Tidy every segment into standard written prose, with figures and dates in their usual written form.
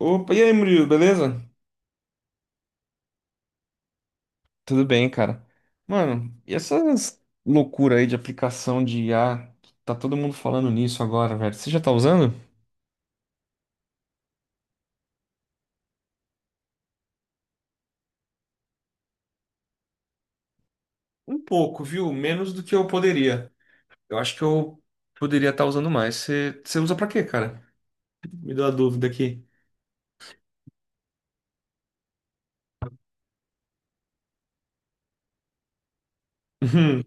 Opa, e aí, Murilo, beleza? Tudo bem, cara. Mano, e essas loucuras aí de aplicação de IA? Tá todo mundo falando nisso agora, velho. Você já tá usando? Um pouco, viu? Menos do que eu poderia. Eu acho que eu poderia estar usando mais. Você usa pra quê, cara? Me deu a dúvida aqui. Uhum.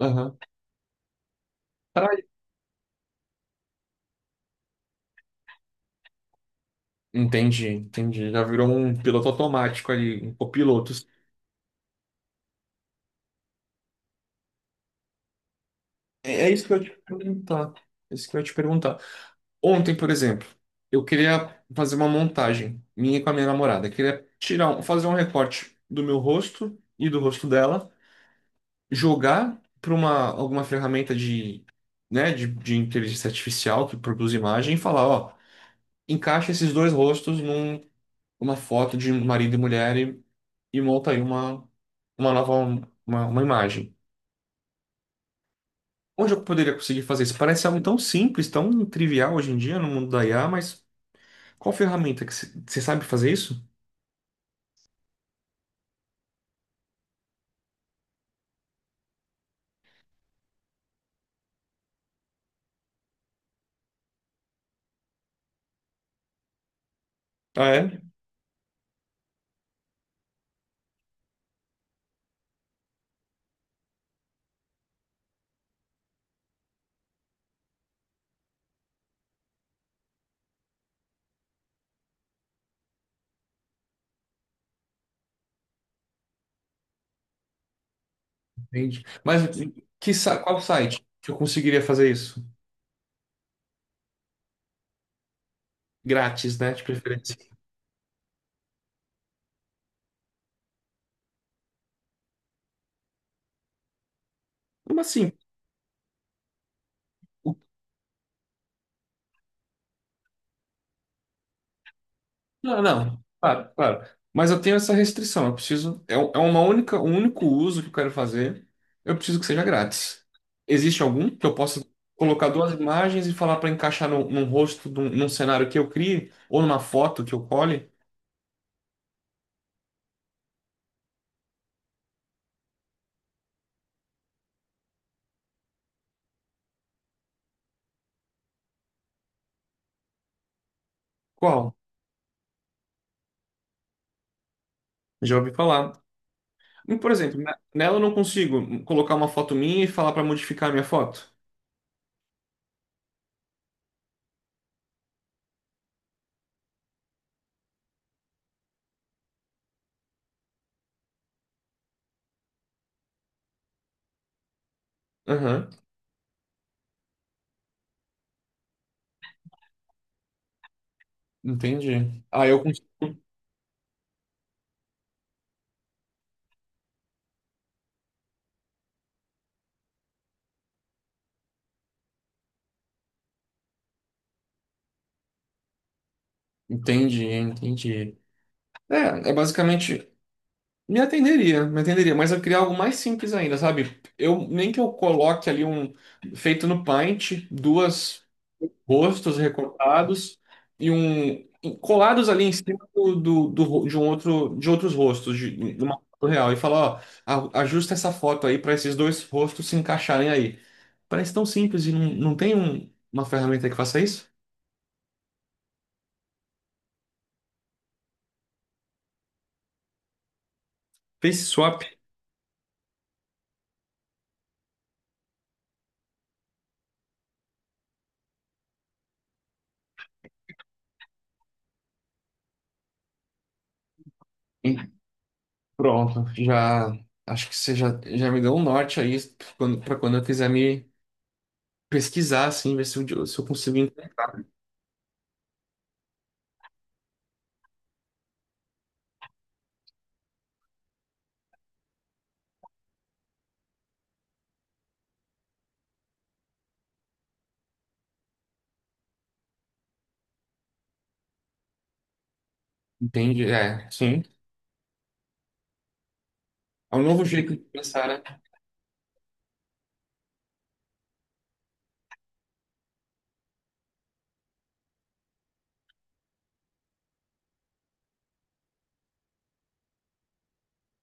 Aham. Caralho. Entendi, entendi. Já virou um piloto automático ali, um copiloto. É isso que eu ia te perguntar. É isso que eu ia te perguntar. Ontem, por exemplo, eu queria fazer uma montagem minha com a minha namorada. Eu queria tirar, fazer um recorte do meu rosto e do rosto dela, jogar para uma alguma ferramenta de, né, de inteligência artificial que produz imagem e falar, ó, encaixa esses dois rostos num uma foto de marido e mulher e monta aí uma nova uma imagem. Onde eu poderia conseguir fazer isso? Parece algo tão simples, tão trivial hoje em dia no mundo da IA, mas qual ferramenta que você sabe fazer isso? Ah, é? Entende? Mas qual site que eu conseguiria fazer isso? Grátis, né? De preferência. Como assim? O- Não, não. Claro, claro. Mas eu tenho essa restrição. Eu preciso. É, é um único uso que eu quero fazer. Eu preciso que seja grátis. Existe algum que eu possa colocar duas imagens e falar para encaixar no num rosto, num cenário que eu crie, ou numa foto que eu cole? Qual? Já ouvi falar. Por exemplo, nela eu não consigo colocar uma foto minha e falar para modificar a minha foto. Aham. Entendi. Ah, entendi, entendi. É, é basicamente me atenderia, mas eu queria algo mais simples ainda, sabe? Eu nem que eu coloque ali um feito no Paint, duas rostos recortados e um colados ali em cima de um outro de outros rostos de uma foto real e falar, ó, ajusta essa foto aí para esses dois rostos se encaixarem aí. Parece tão simples e não tem uma ferramenta que faça isso? Face swap. Pronto, já acho que já me deu um norte aí quando, para quando eu quiser me pesquisar, assim, ver se eu consigo entender. Entende? É, sim. É um novo jeito de pensar, né?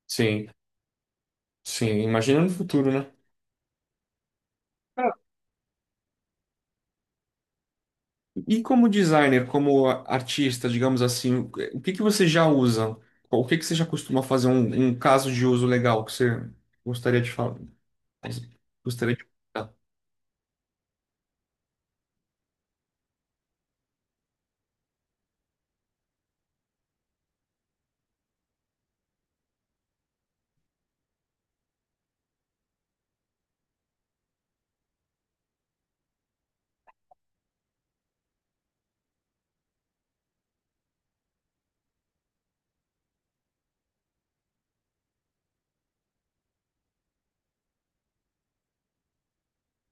Sim, sim. Imagina no futuro, né? Cara, e como designer, como artista, digamos assim, o que que você já usa? O que que você já costuma fazer? Um caso de uso legal que você gostaria de falar? Gostaria de.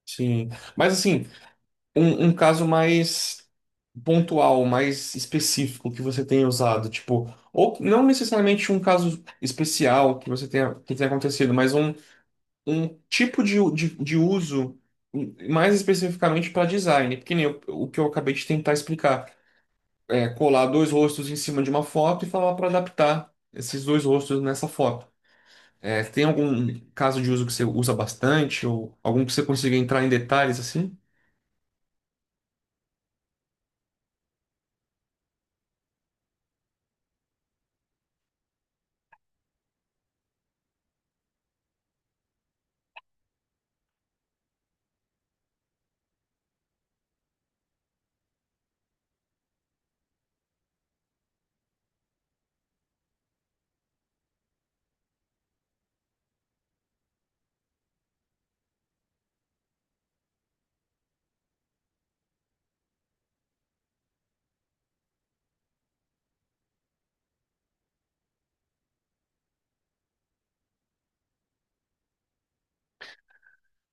Sim. Mas assim. Um caso mais pontual, mais específico que você tenha usado, tipo, ou não necessariamente um caso especial que você tenha, que tenha acontecido, mas um, de uso mais especificamente para design, porque nem o que eu acabei de tentar explicar, é colar dois rostos em cima de uma foto e falar para adaptar esses dois rostos nessa foto. É, tem algum caso de uso que você usa bastante ou algum que você consiga entrar em detalhes assim?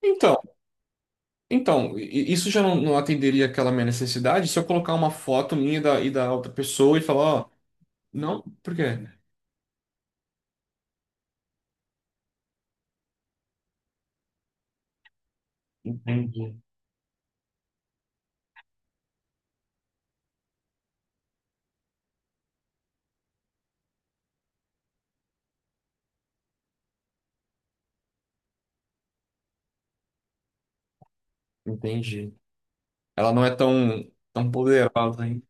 Então, Então, isso já não atenderia aquela minha necessidade se eu colocar uma foto minha e da outra pessoa e falar, ó, não, por quê? Entendi. Entendi. Ela não é tão poderosa, hein?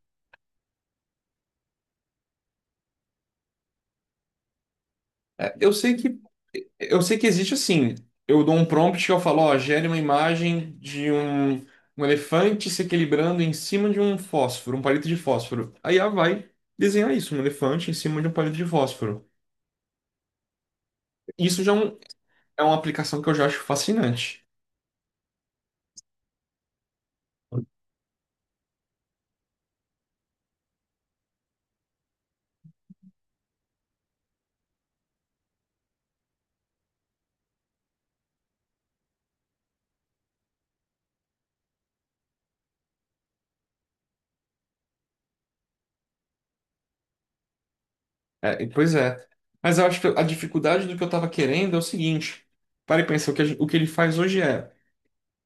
É, eu sei que existe assim. Eu dou um prompt que eu falo, ó, gere uma imagem de um elefante se equilibrando em cima de um fósforo, um palito de fósforo. Aí ela vai desenhar isso, um elefante em cima de um palito de fósforo. Isso já é, é uma aplicação que eu já acho fascinante. É, pois é. Mas eu acho que a dificuldade do que eu estava querendo é o seguinte. Para e pensa, o que ele faz hoje é,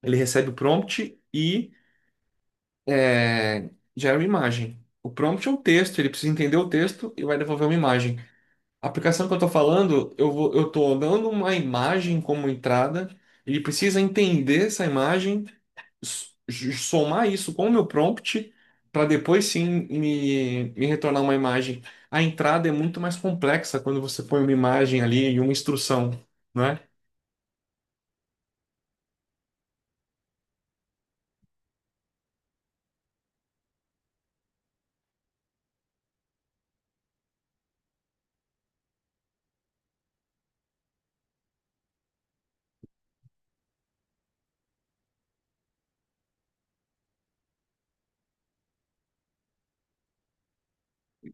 ele recebe o prompt é, gera uma imagem. O prompt é um texto, ele precisa entender o texto e vai devolver uma imagem. A aplicação que eu estou falando, eu estou dando uma imagem como entrada, ele precisa entender essa imagem s- somar isso com o meu prompt para depois sim me retornar uma imagem. A entrada é muito mais complexa quando você põe uma imagem ali e uma instrução, não é?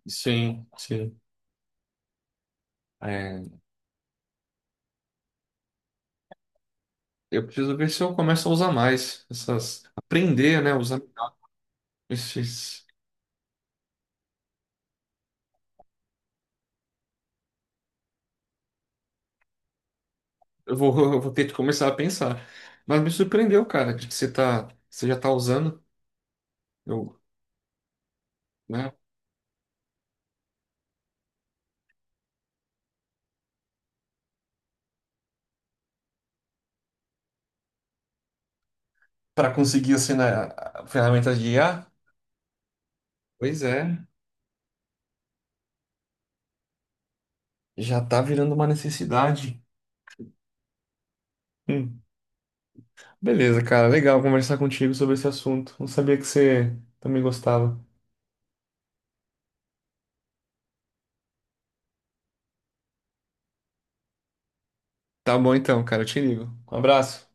Sim, sim. É, eu preciso ver se eu começo a usar mais essas, aprender, né, usar esses. Eu vou, eu vou ter que começar a pensar. Mas me surpreendeu, cara, de que você tá, você já tá usando, eu, né? Para conseguir assim, né, ferramentas de IA. Pois é, já tá virando uma necessidade. Hum. Beleza, cara. Legal conversar contigo sobre esse assunto. Não sabia que você também gostava. Tá bom então, cara. Eu te ligo. Um abraço.